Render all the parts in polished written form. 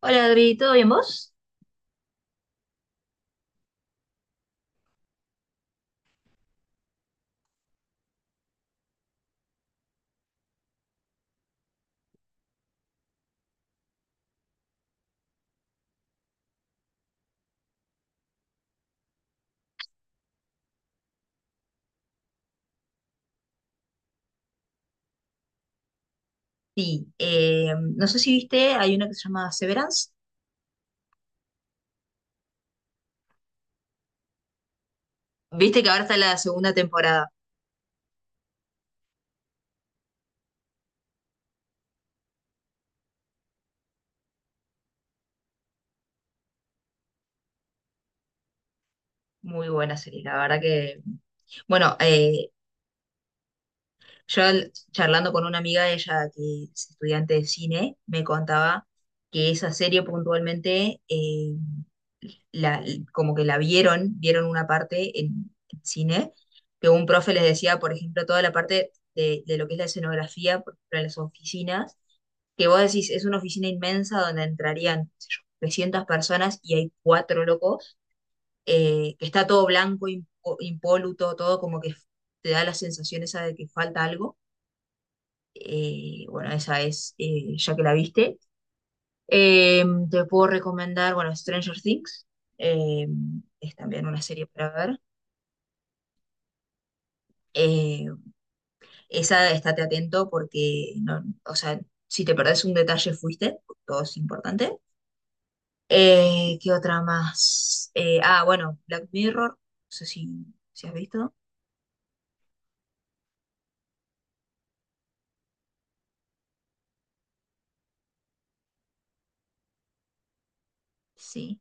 Hola Adri, ¿todo bien vos? Sí, no sé si viste, hay una que se llama Severance. Viste que ahora está la segunda temporada. Muy buena serie, la verdad que. Bueno, charlando con una amiga, ella que es estudiante de cine, me contaba que esa serie puntualmente, la, como que la vieron una parte en cine, que un profe les decía, por ejemplo, toda la parte de lo que es la escenografía, por ejemplo, en las oficinas, que vos decís, es una oficina inmensa donde entrarían, qué sé yo, 300 personas y hay cuatro locos, que está todo blanco, impoluto, todo como que te da la sensación esa de que falta algo. Bueno, esa es, ya que la viste. Te puedo recomendar, bueno, Stranger Things. eh, es también una serie para ver. Eh, esa, estate atento porque, no, o sea, si te perdés un detalle, fuiste. Todo es importante. ¿Qué otra más? Ah, bueno, Black Mirror. No sé si has visto. Sí.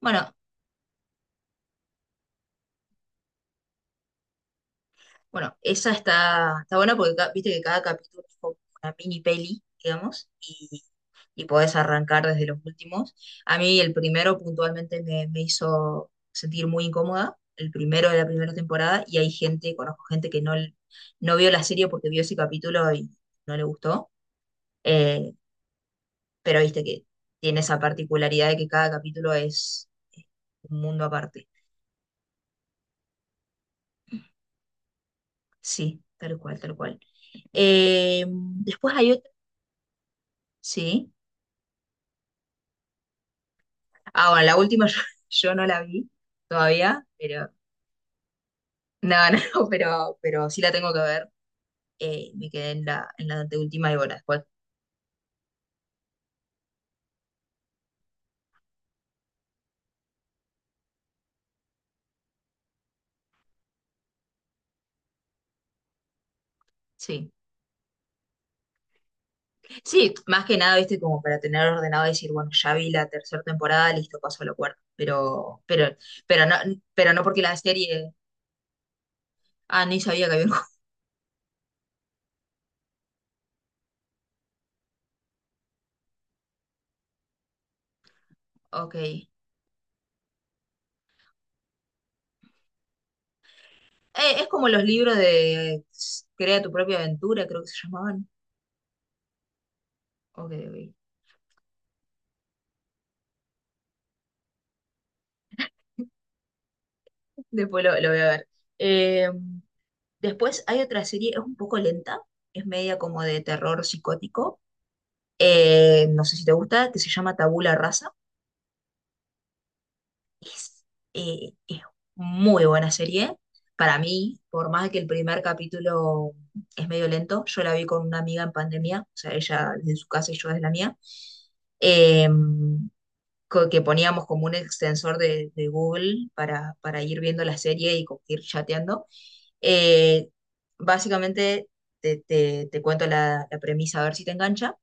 Bueno, Bueno, esa está, está buena porque viste que cada capítulo es como una mini peli, digamos, y podés arrancar desde los últimos. A mí el primero puntualmente me hizo sentir muy incómoda, el primero de la primera temporada, y hay gente, conozco gente que no, no vio la serie porque vio ese capítulo y no le gustó, eh, pero viste que tiene esa particularidad de que cada capítulo es eh, un mundo aparte. Sí, tal cual, tal cual. Después hay otro, sí. Ah, bueno, la última yo no la vi todavía, pero no, no, pero sí la tengo que ver. Me quedé en la anteúltima y bueno, después sí. Sí, más que nada, viste, como para tener ordenado y decir, bueno, ya vi la tercera temporada, listo, paso a la cuarta. Pero no, pero no porque la serie. Ah, ni sabía que había un juego. Ok. Es como los libros de Crea tu propia aventura, creo que se llamaban. Ok, ok. Después lo voy a ver. Eh, Después hay otra serie, es un poco lenta, es media como de terror psicótico, no sé si te gusta, que se llama Tabula Rasa. Es, es muy buena serie. Para mí, por más que el primer capítulo es medio lento, yo la vi con una amiga en pandemia, o sea, ella desde su casa y yo desde la mía. Eh, que poníamos como un extensor de Google para ir viendo la serie y ir chateando. Eh, básicamente, te cuento la premisa a ver si te engancha.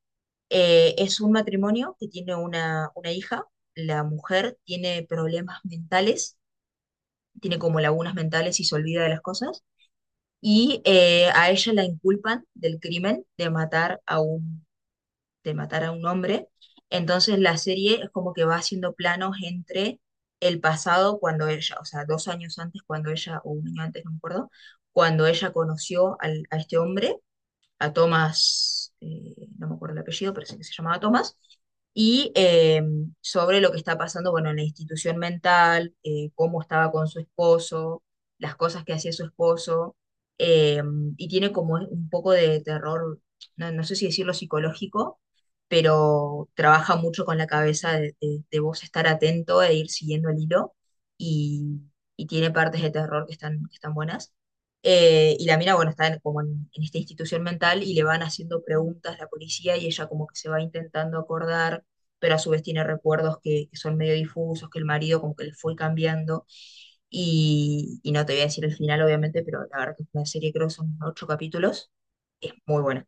Es un matrimonio que tiene una hija. La mujer tiene problemas mentales, tiene como lagunas mentales y se olvida de las cosas. Y a ella la inculpan del crimen de matar a un de matar a un hombre. Entonces la serie es como que va haciendo planos entre el pasado cuando ella, o sea, 2 años antes cuando ella, o un año antes, no me acuerdo, cuando ella conoció a este hombre, a Thomas, no me acuerdo el apellido, pero sé que se llamaba Thomas, y sobre lo que está pasando, bueno, en la institución mental, cómo estaba con su esposo, las cosas que hacía su esposo, eh, y tiene como un poco de terror, no, no sé si decirlo psicológico, pero trabaja mucho con la cabeza de vos estar atento e ir siguiendo el hilo, y, y tiene partes de terror que están buenas. Y la mina, bueno, está como en esta institución mental y le van haciendo preguntas la policía y ella como que se va intentando acordar, pero a su vez tiene recuerdos que son medio difusos, que el marido como que le fue cambiando. Y, no te voy a decir el final, obviamente, pero la verdad que es una serie, creo que son ocho capítulos. Es muy buena.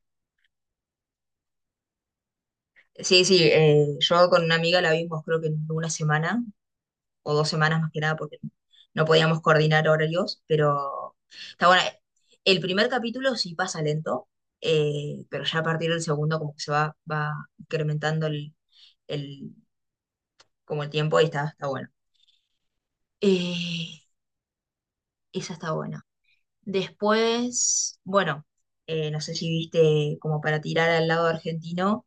Sí, sí, yo con una amiga la vimos creo que en una semana o 2 semanas más que nada, porque no podíamos coordinar horarios, pero está bueno. El primer capítulo sí pasa lento, pero ya a partir del segundo como que se va incrementando el, como el tiempo y está, está bueno. Eh, esa está buena. Después, bueno, no sé si viste como para tirar al lado argentino,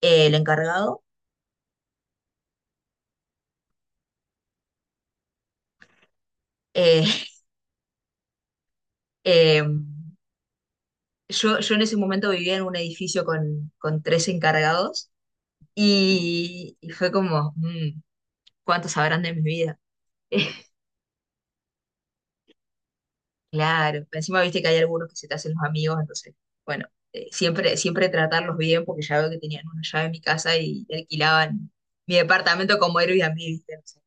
el encargado. Eh, eh, yo en ese momento vivía en un edificio con tres encargados. Y, fue como, ¿cuántos sabrán de mi vida? Claro, encima viste que hay algunos que se te hacen los amigos, entonces, bueno, siempre, siempre tratarlos bien porque ya veo que tenían una llave en mi casa y alquilaban mi departamento como Airbnb, ¿viste? No sé.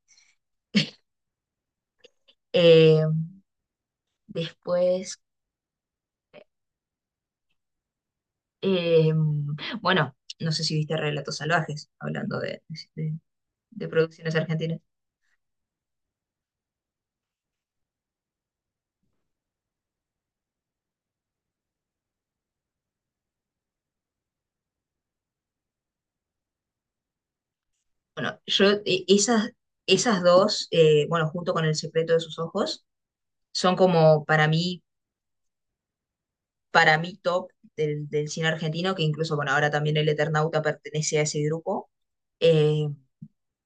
Eh, después, eh, bueno, no sé si viste Relatos Salvajes, hablando de- de producciones argentinas. Bueno, yo, esas dos, bueno, junto con El secreto de sus ojos, son como para mí top del cine argentino, que incluso, bueno, ahora también El Eternauta pertenece a ese grupo. Eh,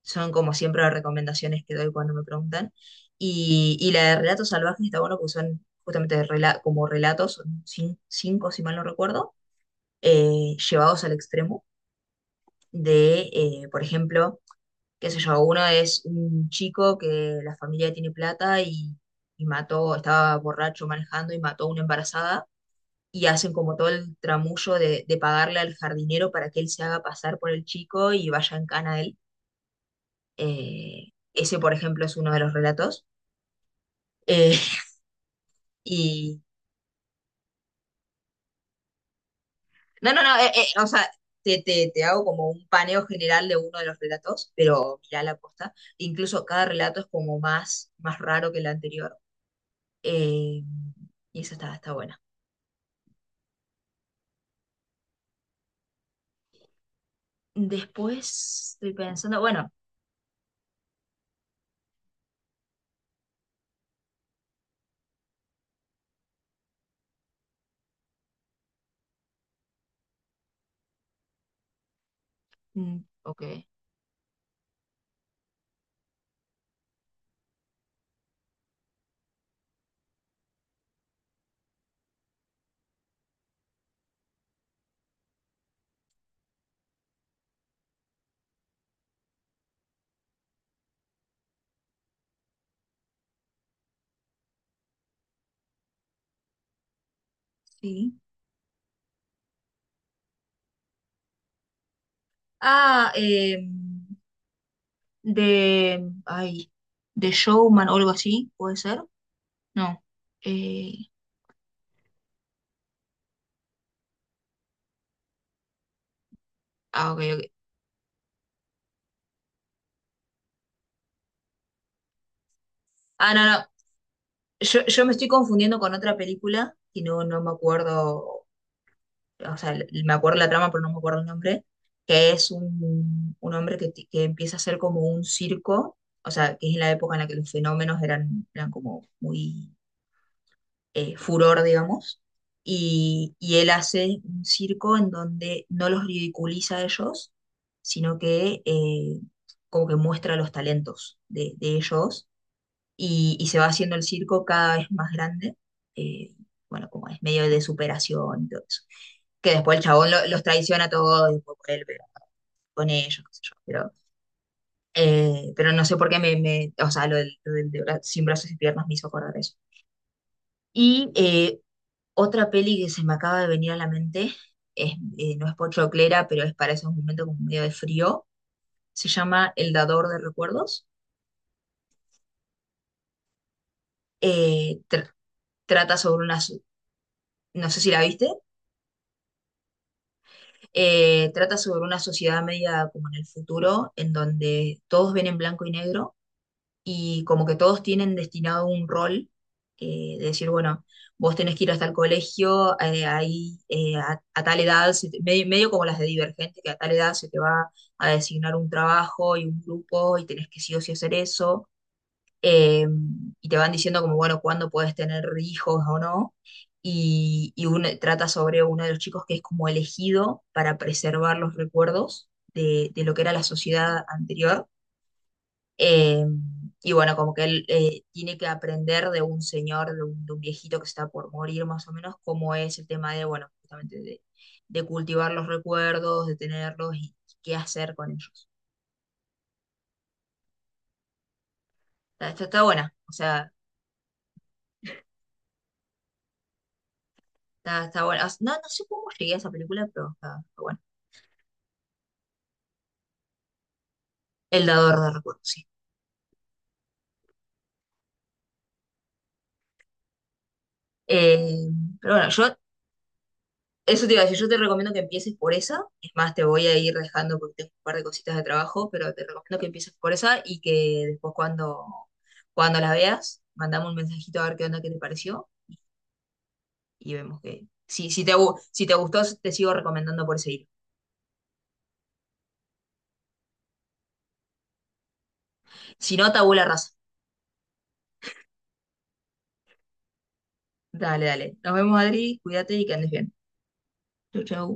son como siempre las recomendaciones que doy cuando me preguntan. Y, la de Relatos Salvajes está bueno porque son justamente como relatos, son cinco si mal no recuerdo, llevados al extremo de, por ejemplo, qué sé yo, uno es un chico que la familia tiene plata y mató, estaba borracho manejando y mató a una embarazada y hacen como todo el tramullo de pagarle al jardinero para que él se haga pasar por el chico y vaya en cana a él. Eh, ese, por ejemplo, es uno de los relatos. Eh, y no, no, no, o sea, te hago como un paneo general de uno de los relatos, pero mirá la posta. Incluso cada relato es como más, más raro que el anterior. Eh, y esa está, está buena. Después estoy pensando, bueno, mm, ok, sí. Ah, ay, de Showman o algo así, ¿puede ser? No. Eh, ah, ok, ok. Ah, no, no. Yo, me estoy confundiendo con otra película y no, no me acuerdo, o sea, me acuerdo la trama, pero no me acuerdo el nombre, que es un hombre que empieza a ser como un circo, o sea, que es en la época en la que los fenómenos eran como muy furor, digamos, y él hace un circo en donde no los ridiculiza a ellos, sino que como que muestra los talentos de ellos y se va haciendo el circo cada vez más grande, eh, bueno, como es medio de superación y todo eso. Que después el chabón los traiciona a todos, después por él, pero con ellos, qué sé yo, pero. Pero no sé por qué o sea, lo del sin brazos y piernas me hizo acordar eso. Y otra peli que se me acaba de venir a la mente, es, no es pochoclera, pero es para esos momentos como medio de frío, se llama El Dador de Recuerdos. Eh, tr- trata sobre una, no sé si la viste, trata sobre una sociedad media como en el futuro, en donde todos ven en blanco y negro y como que todos tienen destinado un rol, de decir, bueno, vos tenés que ir hasta el colegio, ahí a tal edad, medio, medio como las de Divergente, que a tal edad se te va a designar un trabajo y un grupo y tenés que sí o sí hacer eso, eh, y te van diciendo como, bueno, cuándo puedes tener hijos o no. Y, trata sobre uno de los chicos que es como elegido para preservar los recuerdos de lo que era la sociedad anterior eh, y bueno, como que él tiene que aprender de un señor, de un viejito que está por morir más o menos, cómo es el tema de, bueno, justamente de cultivar los recuerdos, de tenerlos y qué hacer con ellos. Está buena, o sea, está, está buena. No, no sé cómo llegué a esa película, pero está, está buena. El dador de recuerdos, sí. Eh, pero bueno, yo eso te iba a decir, yo te recomiendo que empieces por esa. Es más, te voy a ir dejando porque tengo un par de cositas de trabajo, pero te recomiendo que empieces por esa y que después cuando, cuando la veas, mandame un mensajito a ver qué onda, qué te pareció y vemos que. Si, si te gustó, te sigo recomendando por ese hilo. Si no, tabú la raza. Dale, dale. Nos vemos, Adri. Cuídate y que andes bien. Chau, chau.